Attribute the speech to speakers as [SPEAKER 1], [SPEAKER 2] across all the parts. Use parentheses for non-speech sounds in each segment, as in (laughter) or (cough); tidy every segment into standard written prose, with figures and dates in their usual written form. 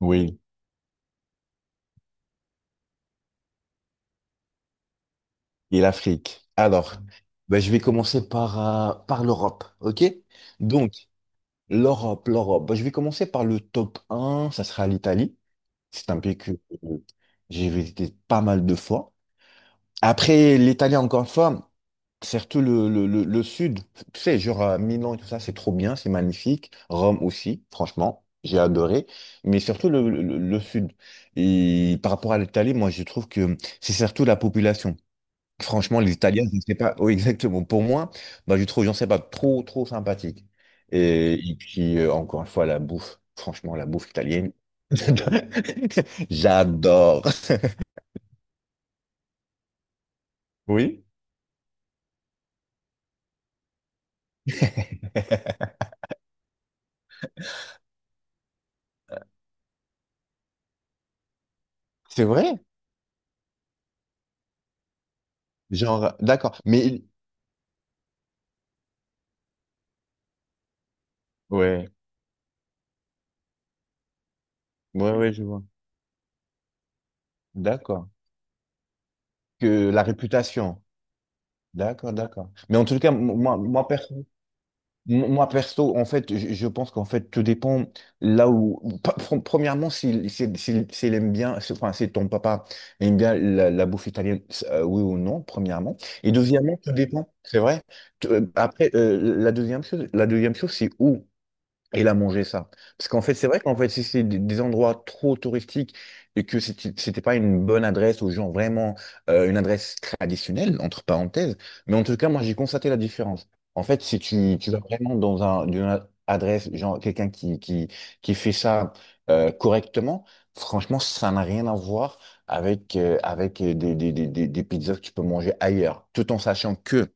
[SPEAKER 1] Oui, et l'Afrique. Alors, ben, je vais commencer par l'Europe, ok? Donc, l'Europe, l'Europe. Ben, je vais commencer par le top un, ça sera l'Italie. C'est un pays que euh, j'ai visité pas mal de fois. Après, l'Italie, encore une fois, surtout le sud, tu sais, genre Milan et tout ça, c'est trop bien, c'est magnifique. Rome aussi, franchement, j'ai adoré. Mais surtout le sud. Et par rapport à l'Italie, moi, je trouve que c'est surtout la population. Franchement, les Italiens, je ne sais pas. Oui, exactement. Pour moi, bah, je trouve, j'en sais pas, trop, trop sympathique. Et puis, encore une fois, la bouffe. Franchement, la bouffe italienne. (laughs) J'adore. Oui. C'est vrai? Genre, d'accord. Mais, ouais, ouais, ouais, je vois. D'accord. Que la réputation. D'accord, d'accord. Mais en tout cas, moi, moi, perso. Moi, perso, en fait, je pense qu'en fait, tout dépend là où. Premièrement, s'il aime bien, enfin, si ton papa aime bien la bouffe italienne, oui ou non, premièrement. Et deuxièmement, tout dépend, c'est vrai. Après, la deuxième chose, c'est où. Et là, manger ça. Parce qu'en fait, c'est vrai qu'en fait, si c'est des endroits trop touristiques et que c'était pas une bonne adresse aux gens, vraiment une adresse traditionnelle, entre parenthèses, mais en tout cas, moi, j'ai constaté la différence. En fait, si tu vas vraiment dans une adresse, genre quelqu'un qui fait ça correctement, franchement, ça n'a rien à voir avec des pizzas que tu peux manger ailleurs, tout en sachant que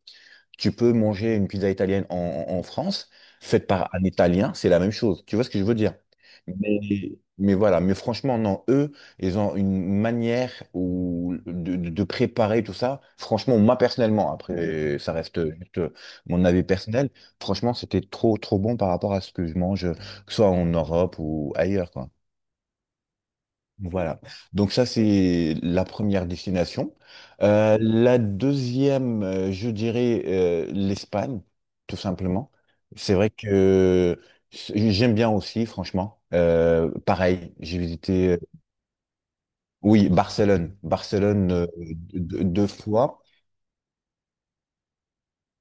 [SPEAKER 1] tu peux manger une pizza italienne en France, faite par un Italien, c'est la même chose. Tu vois ce que je veux dire? Mais, mais voilà, mais franchement, non, eux, ils ont une manière où, de préparer tout ça. Franchement, moi personnellement, après, ça reste juste mon avis personnel, franchement, c'était trop, trop bon par rapport à ce que je mange, que ce soit en Europe ou ailleurs, quoi. Voilà. Donc ça, c'est la première destination. La deuxième, je dirais l'Espagne, tout simplement. C'est vrai que j'aime bien aussi, franchement. Pareil, j'ai visité, oui, Barcelone. Barcelone deux fois.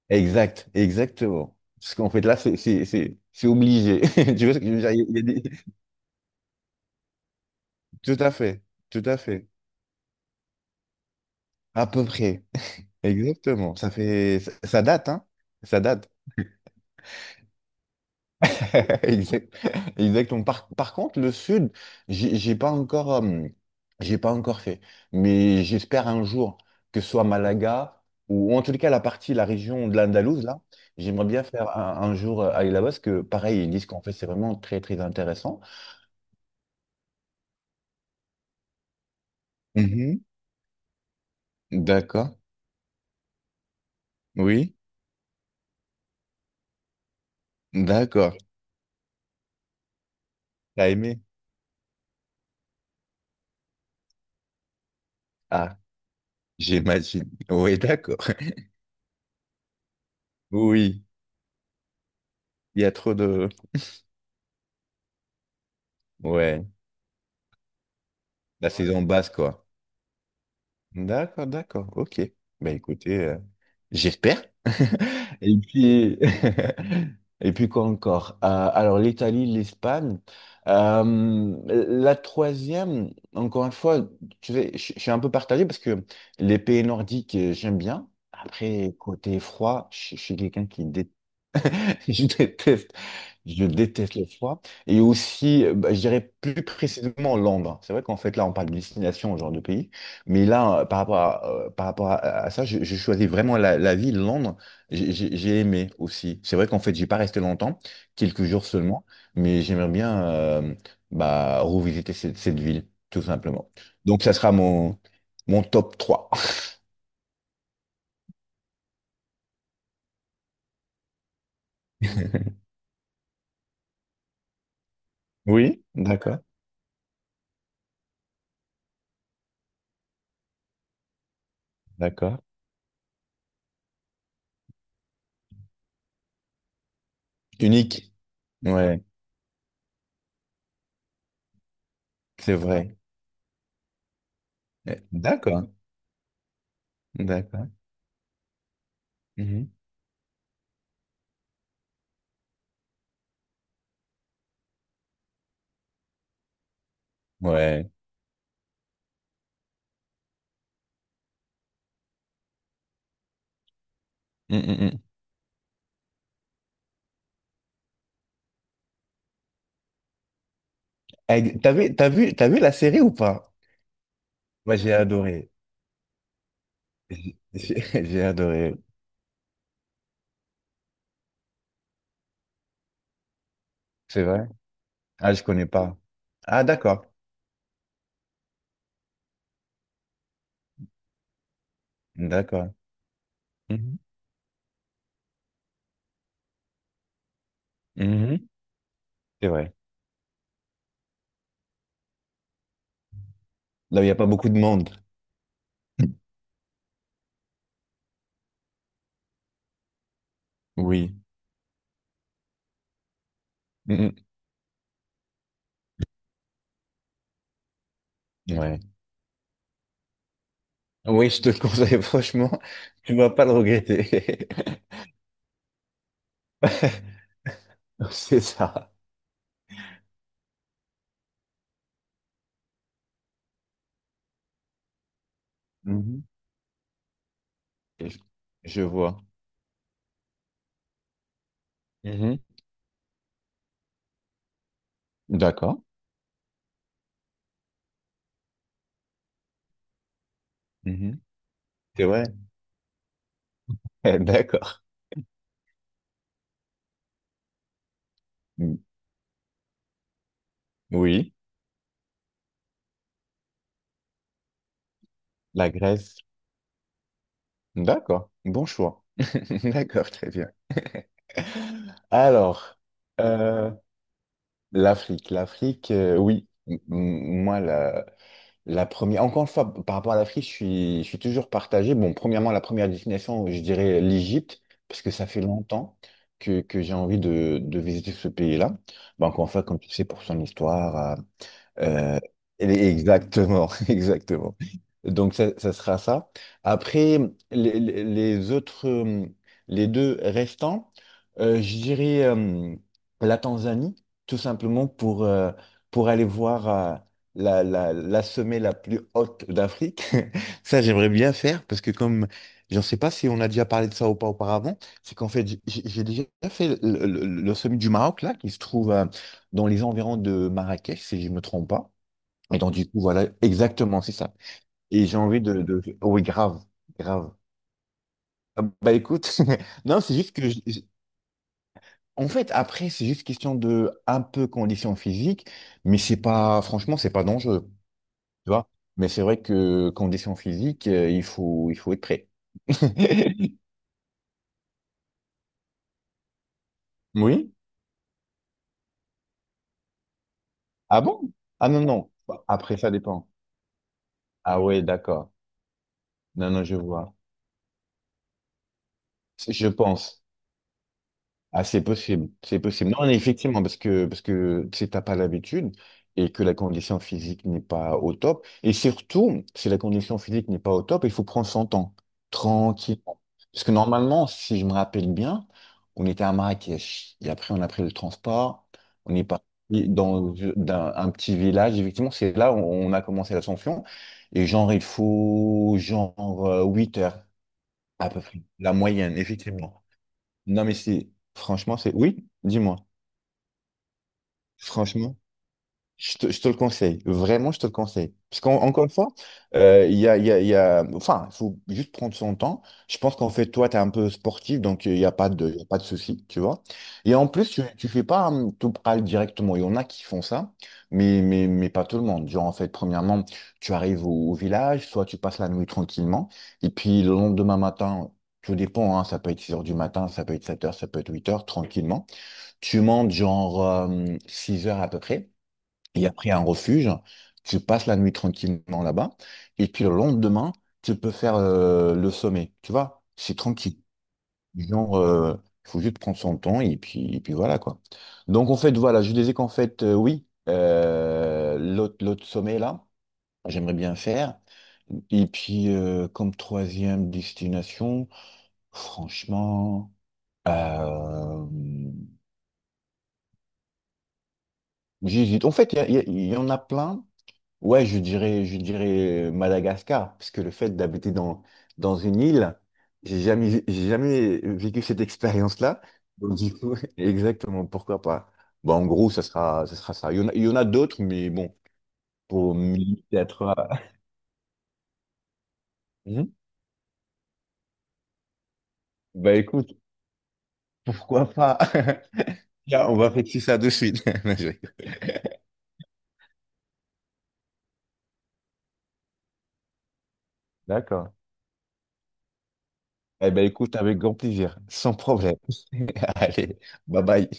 [SPEAKER 1] Exactement. Parce qu'en fait, là, c'est obligé. (laughs) Tu vois ce que je veux dire? Il y a des- Tout à fait, tout à fait. À peu près. Exactement. Ça fait, ça date, hein? Ça date. (laughs) Exact- Exactement. Par contre, le sud, j'ai j'ai pas encore, euh, j'ai pas encore fait. Mais j'espère un jour que ce soit Malaga ou, en tout cas la partie, la région de l'Andalouse, là, j'aimerais bien faire un jour aller là-bas parce que, pareil, ils disent qu'en fait, c'est vraiment très, très intéressant. Mhm. D'accord. Oui. D'accord. T'as aimé? Ah, j'imagine. Oui, d'accord. (laughs) Oui. Il y a trop de. Ouais. La saison basse, quoi. D'accord, d'accord. Ok. Bah écoutez. J'espère. (laughs) Et puis, (laughs) et puis quoi encore? Alors, l'Italie, l'Espagne. La troisième, encore une fois, tu sais, je suis un peu partagé parce que les pays nordiques, j'aime bien. Après, côté froid, je suis quelqu'un qui (laughs) je déteste, je déteste le froid. Et aussi, bah, je dirais plus précisément Londres. C'est vrai qu'en fait, là, on parle de destination, genre de pays. Mais là, par rapport à ça, je choisis vraiment la ville, Londres. J'ai aimé aussi. C'est vrai qu'en fait, j'ai pas resté longtemps, quelques jours seulement. Mais j'aimerais bien bah, revisiter cette ville, tout simplement. Donc, ça sera mon top trois. (laughs) Oui, d'accord, d'accord. Unique. Ouais, c'est vrai. Eh, d'accord, d'accord. Mhm. Ouais. Mm, mm, mm. Eh, T'as vu la série ou pas? Moi, j'ai adoré. J'ai (laughs) j'ai adoré. C'est vrai? Ah, je connais pas. Ah, d'accord. D'accord. Mhm. Mhm. C'est vrai. Là où il n'y a pas beaucoup de monde. Oui. Mhm. Ouais. Oui, je te le conseille, (laughs) franchement, tu vas pas le regretter. (laughs) C'est ça. Mhm. Je je vois. Mhm. D'accord. Mhm. C'est vrai. (laughs) D'accord. Mm. Oui, la Grèce. D'accord, bon choix. (laughs) D'accord, très bien. Alors, euh, l'Afrique, l'Afrique, oui, moi, la première, encore une fois, par rapport à l'Afrique, je suis toujours partagé. Bon, premièrement, la première destination, je dirais l'Égypte, parce que ça fait longtemps que j'ai envie de visiter ce pays-là. Bah, encore une fois, comme tu sais, pour son histoire, euh, exactement, (laughs) exactement. Donc ça sera ça. Après, les, les autres, les deux restants, je dirais la Tanzanie, tout simplement pour aller voir la sommet la plus haute d'Afrique. (laughs) Ça, j'aimerais bien faire parce que comme, je ne sais pas si on a déjà parlé de ça ou pas auparavant, c'est qu'en fait, j'ai déjà fait le, le sommet du Maroc, là, qui se trouve dans les environs de Marrakech, si je me trompe pas. Et donc, du coup, voilà, exactement, c'est ça. Et j'ai envie de, Oui, grave, grave. Ah, bah écoute, (laughs) non, c'est juste que... je- En fait, après, c'est juste question de un peu condition physique, mais c'est pas... Franchement, c'est pas dangereux, tu vois. Mais c'est vrai que condition physique, il faut être prêt. (laughs) Oui? Ah bon? Ah non, non. Après, ça dépend. Ah ouais, d'accord. Non, non, je vois. Je pense. Ah, c'est possible, c'est possible. Non, mais effectivement, parce que, tu sais, t'as pas l'habitude et que la condition physique n'est pas au top. Et surtout, si la condition physique n'est pas au top, il faut prendre son temps, tranquillement. Parce que normalement, si je me rappelle bien, on était à Marrakech et après on a pris le transport, on est parti dans un petit village. Effectivement, c'est là où on a commencé l'ascension. Et genre, il faut genre 8 heures à peu près, la moyenne, effectivement. Non, mais si, franchement, c'est. Oui, dis-moi. Franchement, je te le conseille. Vraiment, je te le conseille. Parce qu'encore une fois, il y a, il y a, il y a- Enfin, il faut juste prendre son temps. Je pense qu'en fait, toi, tu es un peu sportif, donc il n'y a pas de, il y a pas de souci, tu vois. Et en plus, tu ne fais pas tout pral directement. Il y en a qui font ça, mais, pas tout le monde. Genre, en fait, premièrement, tu arrives au village, soit tu passes la nuit tranquillement, et puis le lendemain matin. Tout dépend, hein, ça peut être 6 heures du matin, ça peut être 7 heures, ça peut être 8 heures, tranquillement. Tu montes genre 6 heures à peu près, et après un refuge, tu passes la nuit tranquillement là-bas, et puis le lendemain, tu peux faire le sommet, tu vois, c'est tranquille. Genre, faut juste prendre son temps, et puis voilà quoi. Donc en fait, voilà, je disais qu'en fait, oui, l'autre sommet là, j'aimerais bien faire. Et puis, comme troisième destination, franchement, euh, j'hésite. En fait, il y en a plein. Ouais, je dirais Madagascar, parce que le fait d'habiter dans une île, j'ai jamais vécu cette expérience-là. Donc, du coup, (laughs) exactement, pourquoi pas? Bah, en gros, ça sera ça. Il y en a d'autres, mais bon, pour me limiter à trois. Mhm. Bah, écoute, pourquoi pas? (laughs) Tiens, on va fixer ça de suite. (laughs) Non, je rigole. D'accord. Eh ben, écoute, avec grand plaisir, sans problème. (laughs) Allez, bye bye.